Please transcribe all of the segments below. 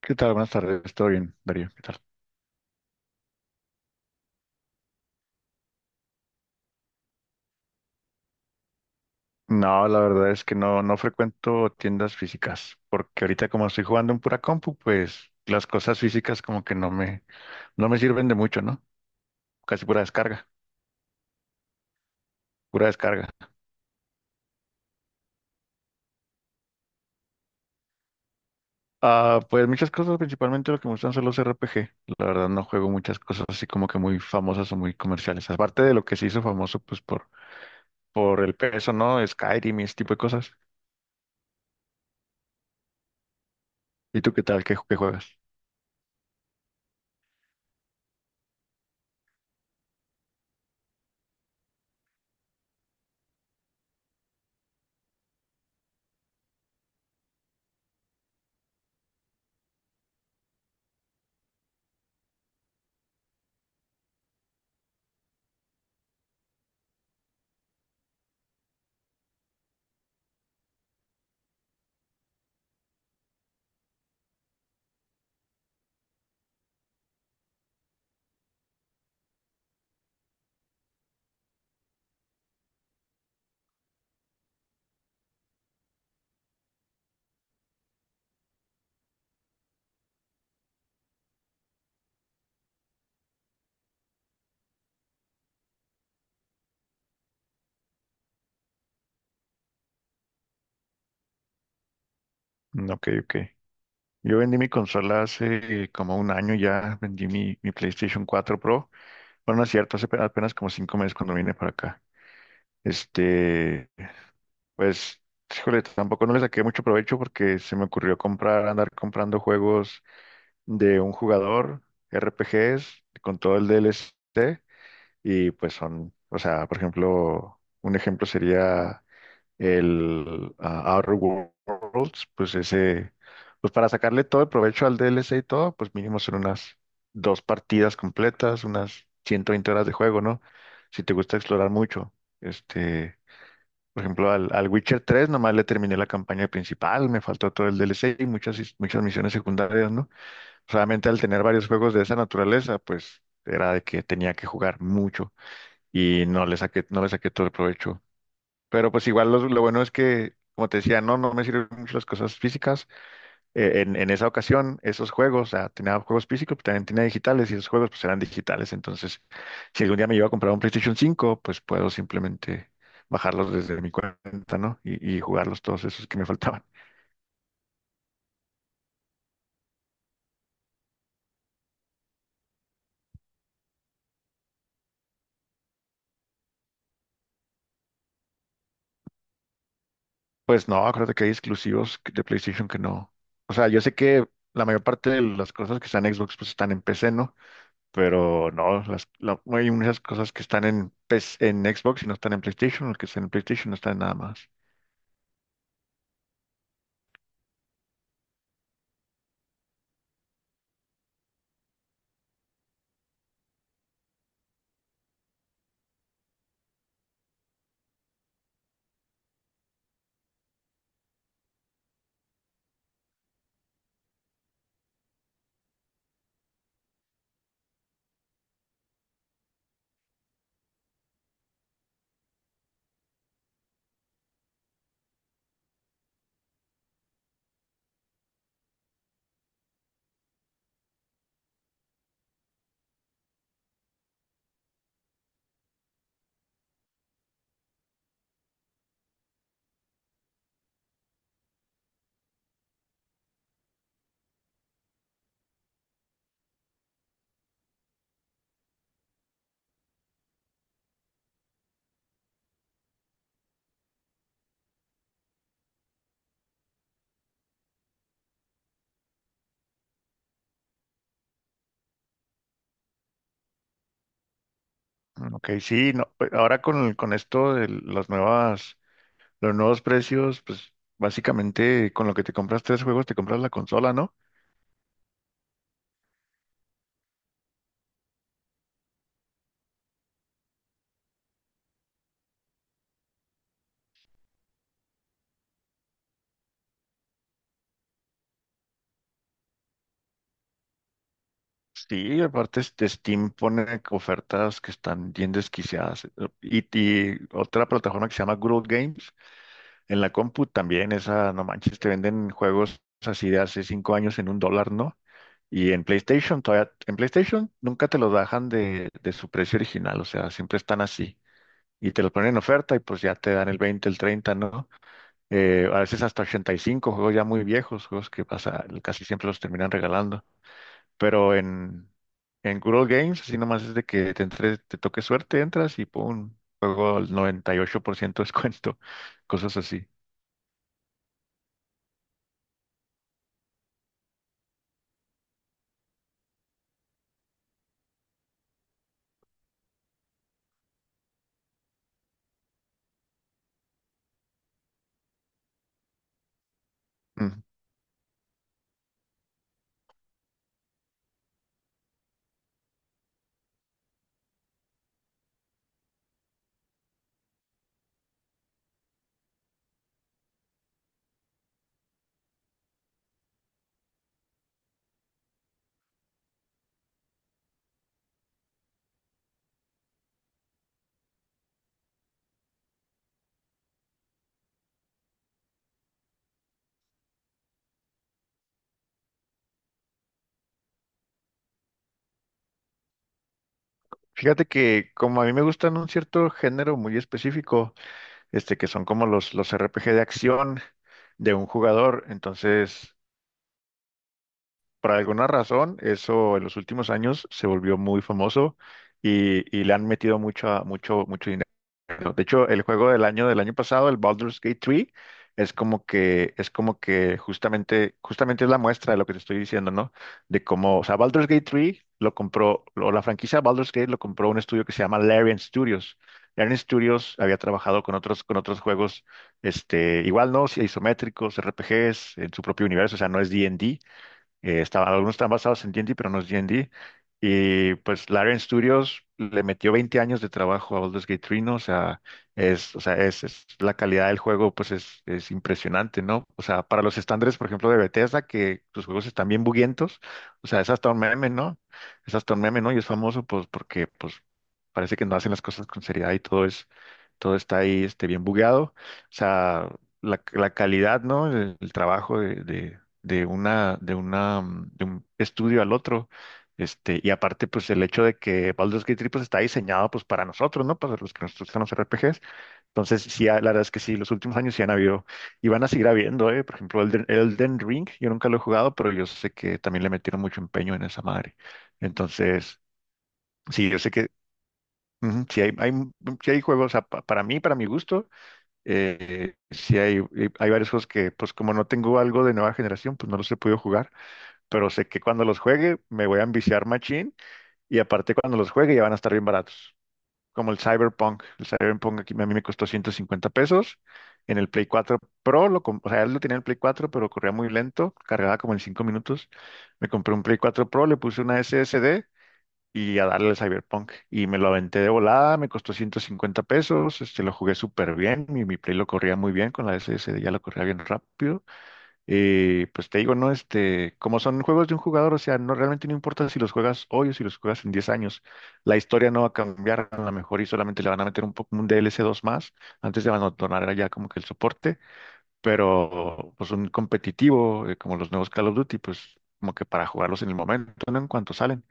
¿Qué tal? Buenas tardes, ¿todo bien, Darío? ¿Qué tal? No, la verdad es que no frecuento tiendas físicas, porque ahorita como estoy jugando en pura compu, pues las cosas físicas como que no me sirven de mucho, ¿no? Casi pura descarga, pura descarga. Ah, pues muchas cosas, principalmente lo que me gustan son los RPG. La verdad no juego muchas cosas así como que muy famosas o muy comerciales. Aparte de lo que se hizo famoso, pues por el peso, ¿no? Skyrim y ese tipo de cosas. ¿Y tú qué tal? ¿Qué juegas? Mm, Ok, ok. Yo vendí mi consola hace como un año ya, vendí mi PlayStation 4 Pro. Bueno, no es cierto, hace apenas como 5 meses cuando vine para acá. Este, pues, híjole, tampoco no le saqué mucho provecho porque se me ocurrió comprar, andar comprando juegos de un jugador, RPGs, con todo el DLC, y pues son, o sea, por ejemplo, un ejemplo sería el Outer Worlds, pues ese, pues para sacarle todo el provecho al DLC y todo, pues mínimo son unas dos partidas completas, unas 120 horas de juego, ¿no? Si te gusta explorar mucho. Este, por ejemplo, al Witcher 3 nomás le terminé la campaña principal, me faltó todo el DLC y muchas misiones secundarias, ¿no? Solamente al tener varios juegos de esa naturaleza, pues era de que tenía que jugar mucho y no le saqué todo el provecho. Pero pues igual lo bueno es que, como te decía, no me sirven mucho las cosas físicas. En esa ocasión, esos juegos, o sea, tenía juegos físicos, pero también tenía digitales y esos juegos pues eran digitales. Entonces, si algún día me llevo a comprar un PlayStation 5 pues puedo simplemente bajarlos desde mi cuenta, ¿no? Y jugarlos todos esos que me faltaban. Pues no, acuérdate que hay exclusivos de PlayStation que no. O sea, yo sé que la mayor parte de las cosas que están en Xbox pues están en PC, ¿no? Pero no, hay muchas cosas que están en, PS en Xbox y no están en PlayStation, los que están en PlayStation no están en nada más. Mm, Ok, sí, no, ahora con esto de los nuevos precios, pues básicamente con lo que te compras tres juegos te compras la consola, ¿no? Sí, aparte este Steam pone ofertas que están bien desquiciadas. Y otra plataforma que se llama Good Old Games, en la compu también, esa, no manches, te venden juegos así de hace 5 años en 1 dólar, ¿no? Y en PlayStation todavía, en PlayStation nunca te los bajan de su precio original, o sea, siempre están así. Y te los ponen en oferta y pues ya te dan el 20 el 30, ¿no? A veces hasta 85 juegos ya muy viejos, juegos que pasa, casi siempre los terminan regalando. Pero en Good Old Games, así nomás es de que te entre, te toque suerte, entras y pum, juego al 98% descuento, cosas así. Mm. Fíjate que como a mí me gustan un cierto género muy específico, este, que son como los RPG de acción de un jugador. Entonces, por alguna razón, eso en los últimos años se volvió muy famoso y le han metido mucho, mucho, mucho, bueno, de hecho, el juego del año pasado, el Baldur's Gate 3, es como que justamente es la muestra de lo que te estoy diciendo, ¿no? De cómo, o sea, Baldur's Gate 3 lo compró, o la franquicia Baldur's Gate lo compró un estudio que se llama Larian Studios. Larian Studios había trabajado con otros juegos, este, igual, ¿no? Sí, isométricos, RPGs, en su propio universo, o sea, no es d and D. Algunos están basados en D&D, pero no es D&D. Y D. Y pues Larian Studios le metió 20 años de trabajo a Baldur's Gate 3, ¿no? O sea, o sea, la calidad del juego, pues es impresionante, ¿no? O sea, para los estándares, por ejemplo, de Bethesda, que sus juegos están bien buguientos, o sea, es hasta un meme, ¿no? Es hasta un meme, ¿no? Y es famoso, pues, porque, pues, parece que no hacen las cosas con seriedad y todo está ahí, este, bien bugueado. O sea, la calidad, ¿no? El trabajo de de un estudio al otro. Este, y aparte, pues el hecho de que Baldur's Gate 3 pues, está diseñado pues para nosotros, ¿no? Para los que nos gustan los RPGs. Entonces, sí, la verdad es que sí, los últimos años sí han habido y van a seguir habiendo, ¿eh? Por ejemplo, Elden Ring, yo nunca lo he jugado, pero yo sé que también le metieron mucho empeño en esa madre. Entonces, sí, yo sé que ujú, sí hay juegos, o sea, para mí, para mi gusto, hay varios juegos que, pues como no tengo algo de nueva generación, pues no los he podido jugar, pero sé que cuando los juegue me voy a ambiciar machín y aparte cuando los juegue ya van a estar bien baratos. Como el Cyberpunk. El Cyberpunk aquí a mí me costó 150 pesos. En el Play 4 Pro, o sea, él lo tenía en el Play 4, pero corría muy lento, cargaba como en 5 minutos. Me compré un Play 4 Pro, le puse una SSD y a darle al Cyberpunk. Y me lo aventé de volada, me costó 150 pesos, este, lo jugué súper bien, mi Play lo corría muy bien con la SSD, ya lo corría bien rápido. Pues te digo, ¿no? Este, como son juegos de un jugador, o sea, no, realmente no importa si los juegas hoy o si los juegas en 10 años, la historia no va a cambiar a lo mejor y solamente le van a meter un poco un DLC 2 más antes de abandonar ya como que el soporte, pero pues un competitivo, como los nuevos Call of Duty, pues como que para jugarlos en el momento, ¿no? En cuanto salen,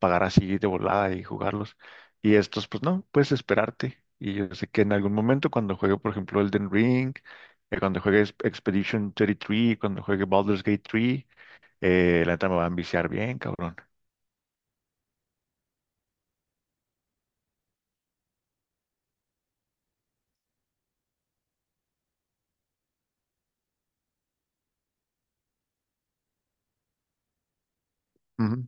pagar así de volada y jugarlos. Y estos, pues no, puedes esperarte. Y yo sé que en algún momento, cuando juegue, por ejemplo, Elden Ring, cuando juegue Expedition 33, cuando juegue Baldur's Gate 3, la neta me va a enviciar bien, cabrón. Ujú.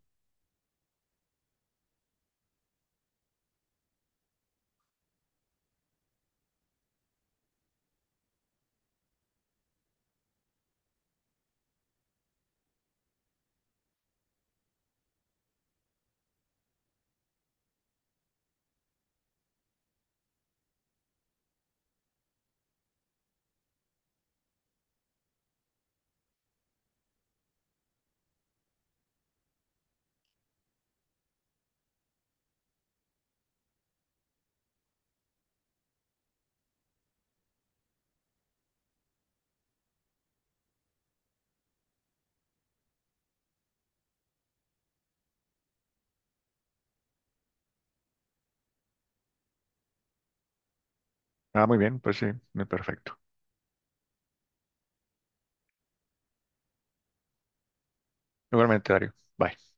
Ah, muy bien, pues sí, muy perfecto. Igualmente, Dario. Bye.